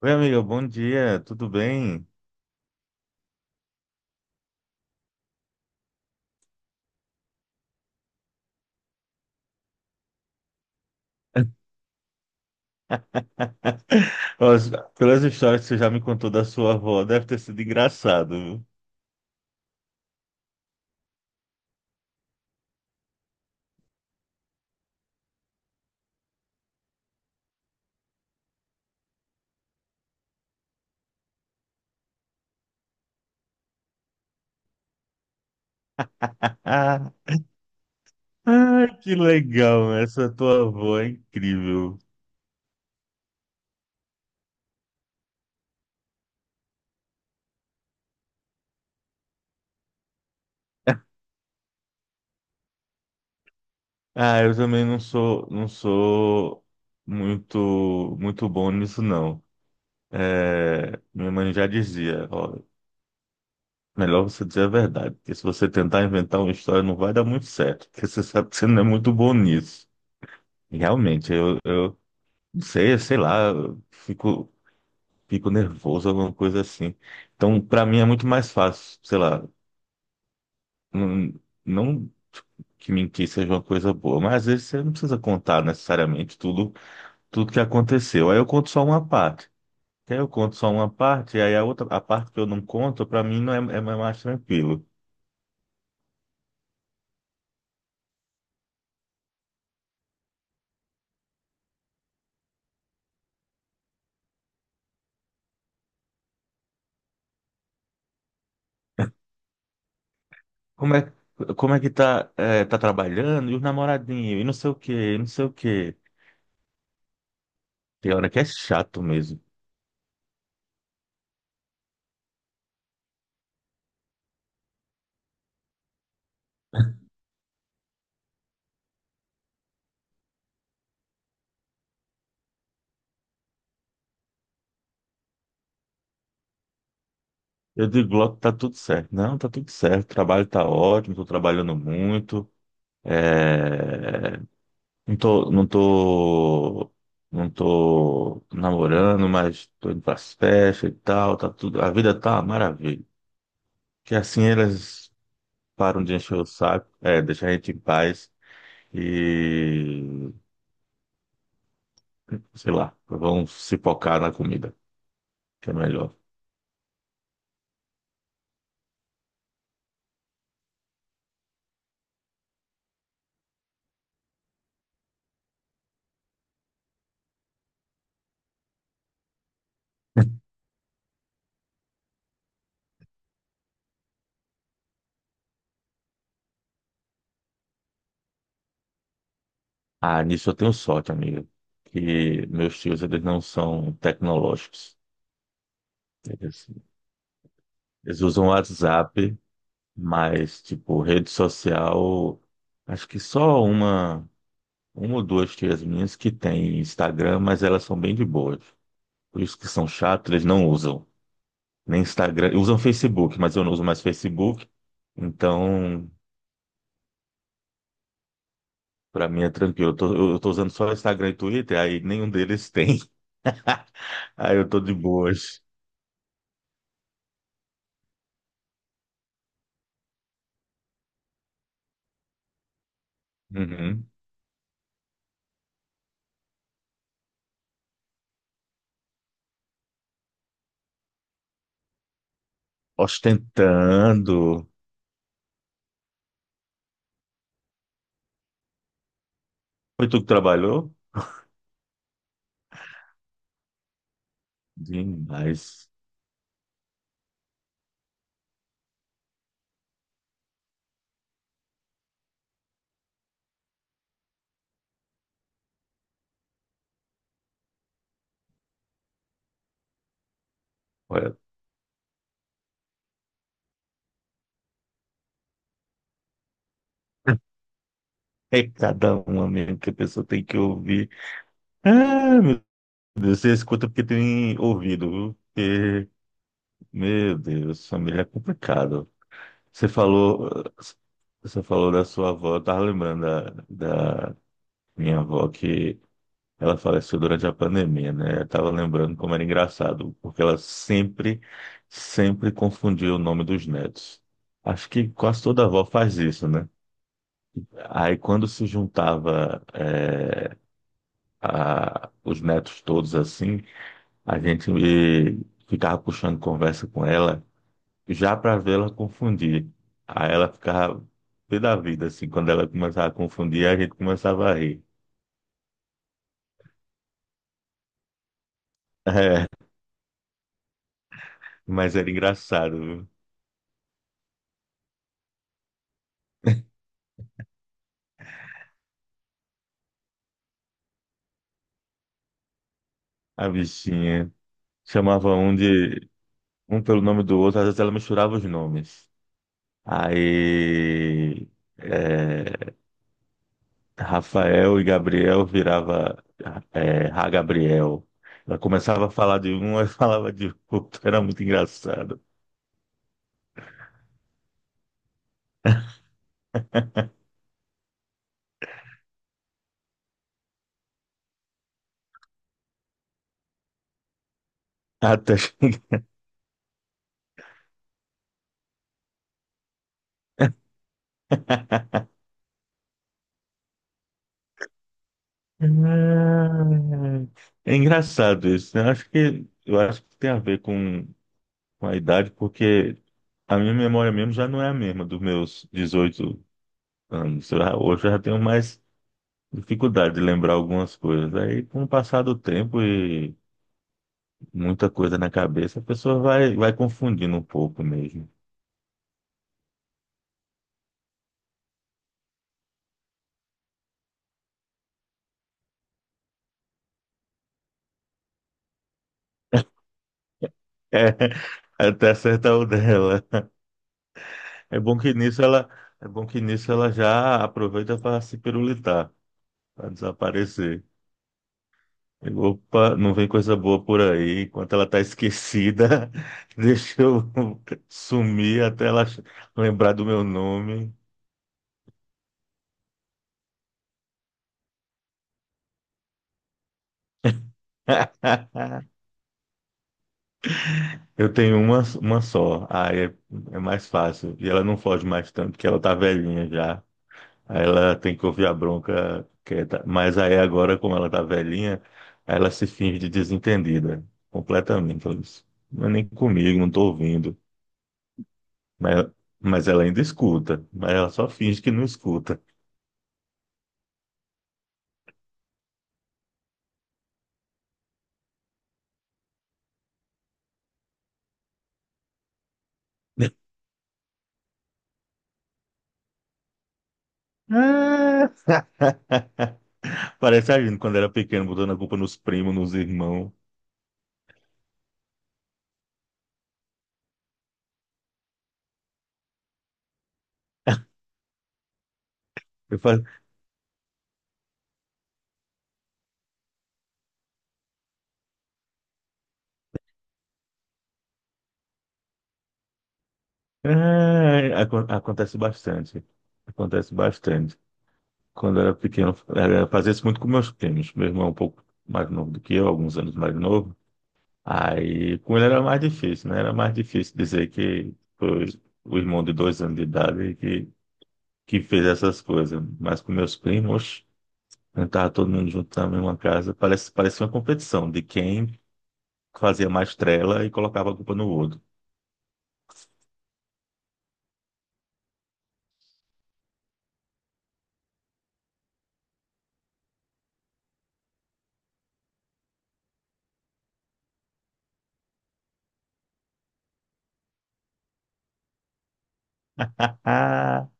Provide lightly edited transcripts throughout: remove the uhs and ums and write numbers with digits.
Oi, amiga, bom dia, tudo bem? Pelas pelas histórias que você já me contou da sua avó, deve ter sido engraçado, viu? Ah, que legal, essa tua avó é incrível. Ah, eu também não sou muito, muito bom nisso, não. É, minha mãe já dizia, ó, melhor você dizer a verdade, porque se você tentar inventar uma história não vai dar muito certo, porque você sabe que você não é muito bom nisso. Realmente, eu não sei, sei lá, fico nervoso, alguma coisa assim. Então, pra mim é muito mais fácil, sei lá, não, não que mentir seja uma coisa boa, mas às vezes você não precisa contar necessariamente tudo que aconteceu. Aí eu conto só uma parte, e aí a outra, a parte que eu não conto, pra mim não é, é mais tranquilo. Como é, como é que tá, é, tá trabalhando, e os namoradinhos, e não sei o quê, e não sei o quê. Tem hora que é chato mesmo. Eu digo logo que tá tudo certo. Não, tá tudo certo. O trabalho tá ótimo, tô trabalhando muito. É, Não tô, não tô, não tô namorando, mas tô indo pras festas e tal, tá tudo. A vida tá uma maravilha. Que assim elas param de encher o saco, é, deixar a gente em paz e, sei lá, vão se focar na comida, que é melhor. Ah, nisso eu tenho sorte, amiga, que meus tios, eles não são tecnológicos. Eles Eles usam WhatsApp, mas, tipo, rede social, acho que só uma ou duas tias minhas que têm Instagram, mas elas são bem de boas. Por isso que são chatos, eles não usam. Nem Instagram, usam Facebook, mas eu não uso mais Facebook. Então, pra mim é tranquilo. Eu tô usando só Instagram e Twitter, aí nenhum deles tem. Aí eu tô de boas. Uhum. Ostentando. Foi tu que trabalhou? Demais. Olha. É cada uma mesmo que a pessoa tem que ouvir. Ah, meu Deus, você escuta porque tem ouvido, viu? Porque, meu Deus, família é complicado. Você falou, você falou da sua avó, eu tava lembrando da minha avó que ela faleceu durante a pandemia, né? Eu tava lembrando como era engraçado, porque ela sempre confundia o nome dos netos. Acho que quase toda avó faz isso, né? Aí quando se juntava, os netos todos assim, a gente ficava puxando conversa com ela já para vê-la confundir. Aí ela ficava pé da vida, assim, quando ela começava a confundir, a gente começava a rir. É, mas era engraçado, viu? A bichinha chamava um de um pelo nome do outro, às vezes ela misturava os nomes. Aí, eh, Rafael e Gabriel virava Ra Gabriel. Ela começava a falar de um e falava de outro. Era muito engraçado. Até... É engraçado isso, né? Eu acho que tem a ver com a idade, porque a minha memória mesmo já não é a mesma dos meus 18 anos. Hoje eu já tenho mais dificuldade de lembrar algumas coisas. Aí, com o passar do tempo e muita coisa na cabeça, a pessoa vai confundindo um pouco mesmo. É, até acertar o dela. É bom que nisso ela, é bom que nisso ela já aproveita para se pirulitar, para desaparecer. E, opa, não vem coisa boa por aí. Enquanto ela tá esquecida, deixa eu sumir até ela lembrar do meu nome. Eu tenho uma só, aí é mais fácil. E ela não foge mais tanto, porque ela tá velhinha já. Aí ela tem que ouvir a bronca quieta. Mas aí agora, como ela tá velhinha, aí ela se finge de desentendida. Completamente. Ela diz, não é nem comigo, não tô ouvindo. Mas, mas ela ainda escuta. Mas ela só finge que não escuta. Ah! Parece a gente quando era pequeno, botando a culpa nos primos, nos irmãos. Eu falo, ah, acontece bastante. Acontece bastante. Quando eu era pequeno, fazia isso muito com meus primos. Meu irmão é um pouco mais novo do que eu, alguns anos mais novo. Aí, com ele era mais difícil, né? Era mais difícil dizer que foi o irmão de dois anos de idade que fez essas coisas. Mas com meus primos, quando tava todo mundo junto na mesma casa, parecia uma competição de quem fazia mais trela e colocava a culpa no outro.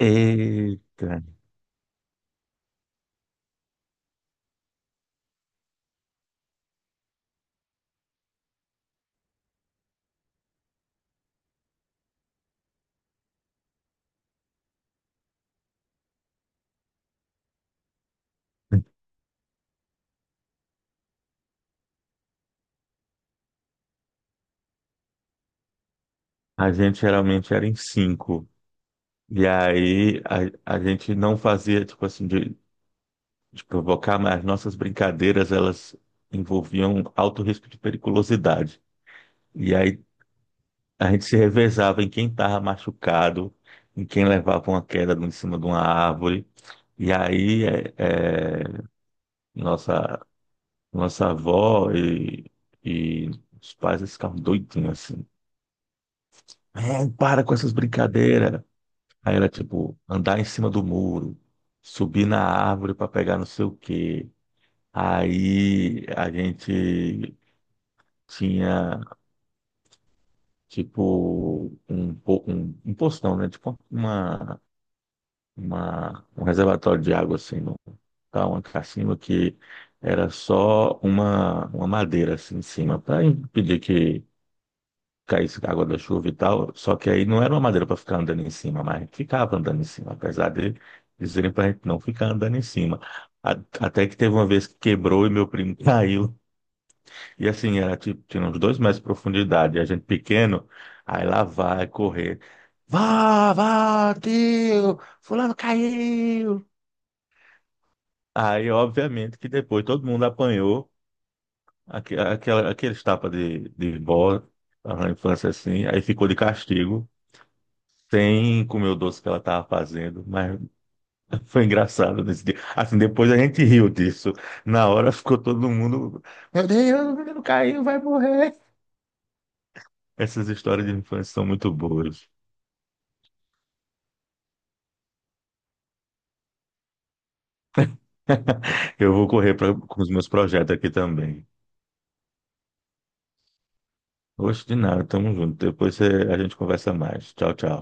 Eita! A gente geralmente era em cinco. E aí a gente não fazia, tipo assim, de provocar, mas as nossas brincadeiras, elas envolviam alto risco de periculosidade. E aí a gente se revezava em quem estava machucado, em quem levava uma queda em cima de uma árvore. E aí nossa, nossa avó e os pais eles ficavam doidinhos assim. É, para com essas brincadeiras. Aí era tipo andar em cima do muro, subir na árvore para pegar não sei o quê. Aí a gente tinha tipo um postão, né? Tipo um reservatório de água assim, no, tá, uma cacimba que era só uma madeira assim em cima, para impedir que caísse água da chuva e tal. Só que aí não era uma madeira para ficar andando em cima, mas a gente ficava andando em cima, apesar de dizerem para a gente não ficar andando em cima. A- Até que teve uma vez que quebrou e meu primo caiu. E assim, era tipo, tinha uns dois metros de profundidade, e a gente pequeno, aí lá vai correr. Vá, vá, tio! Fulano caiu! Aí, obviamente, que depois todo mundo apanhou aqueles tapas de bola na infância assim, aí ficou de castigo, sem comer o doce que ela estava fazendo, mas foi engraçado nesse dia. Assim, depois a gente riu disso. Na hora ficou todo mundo, meu Deus, o menino caiu, vai morrer. Essas histórias de infância são muito boas. Eu vou correr pra, com os meus projetos aqui também. Oxe, de nada, tamo junto. Depois a gente conversa mais. Tchau, tchau.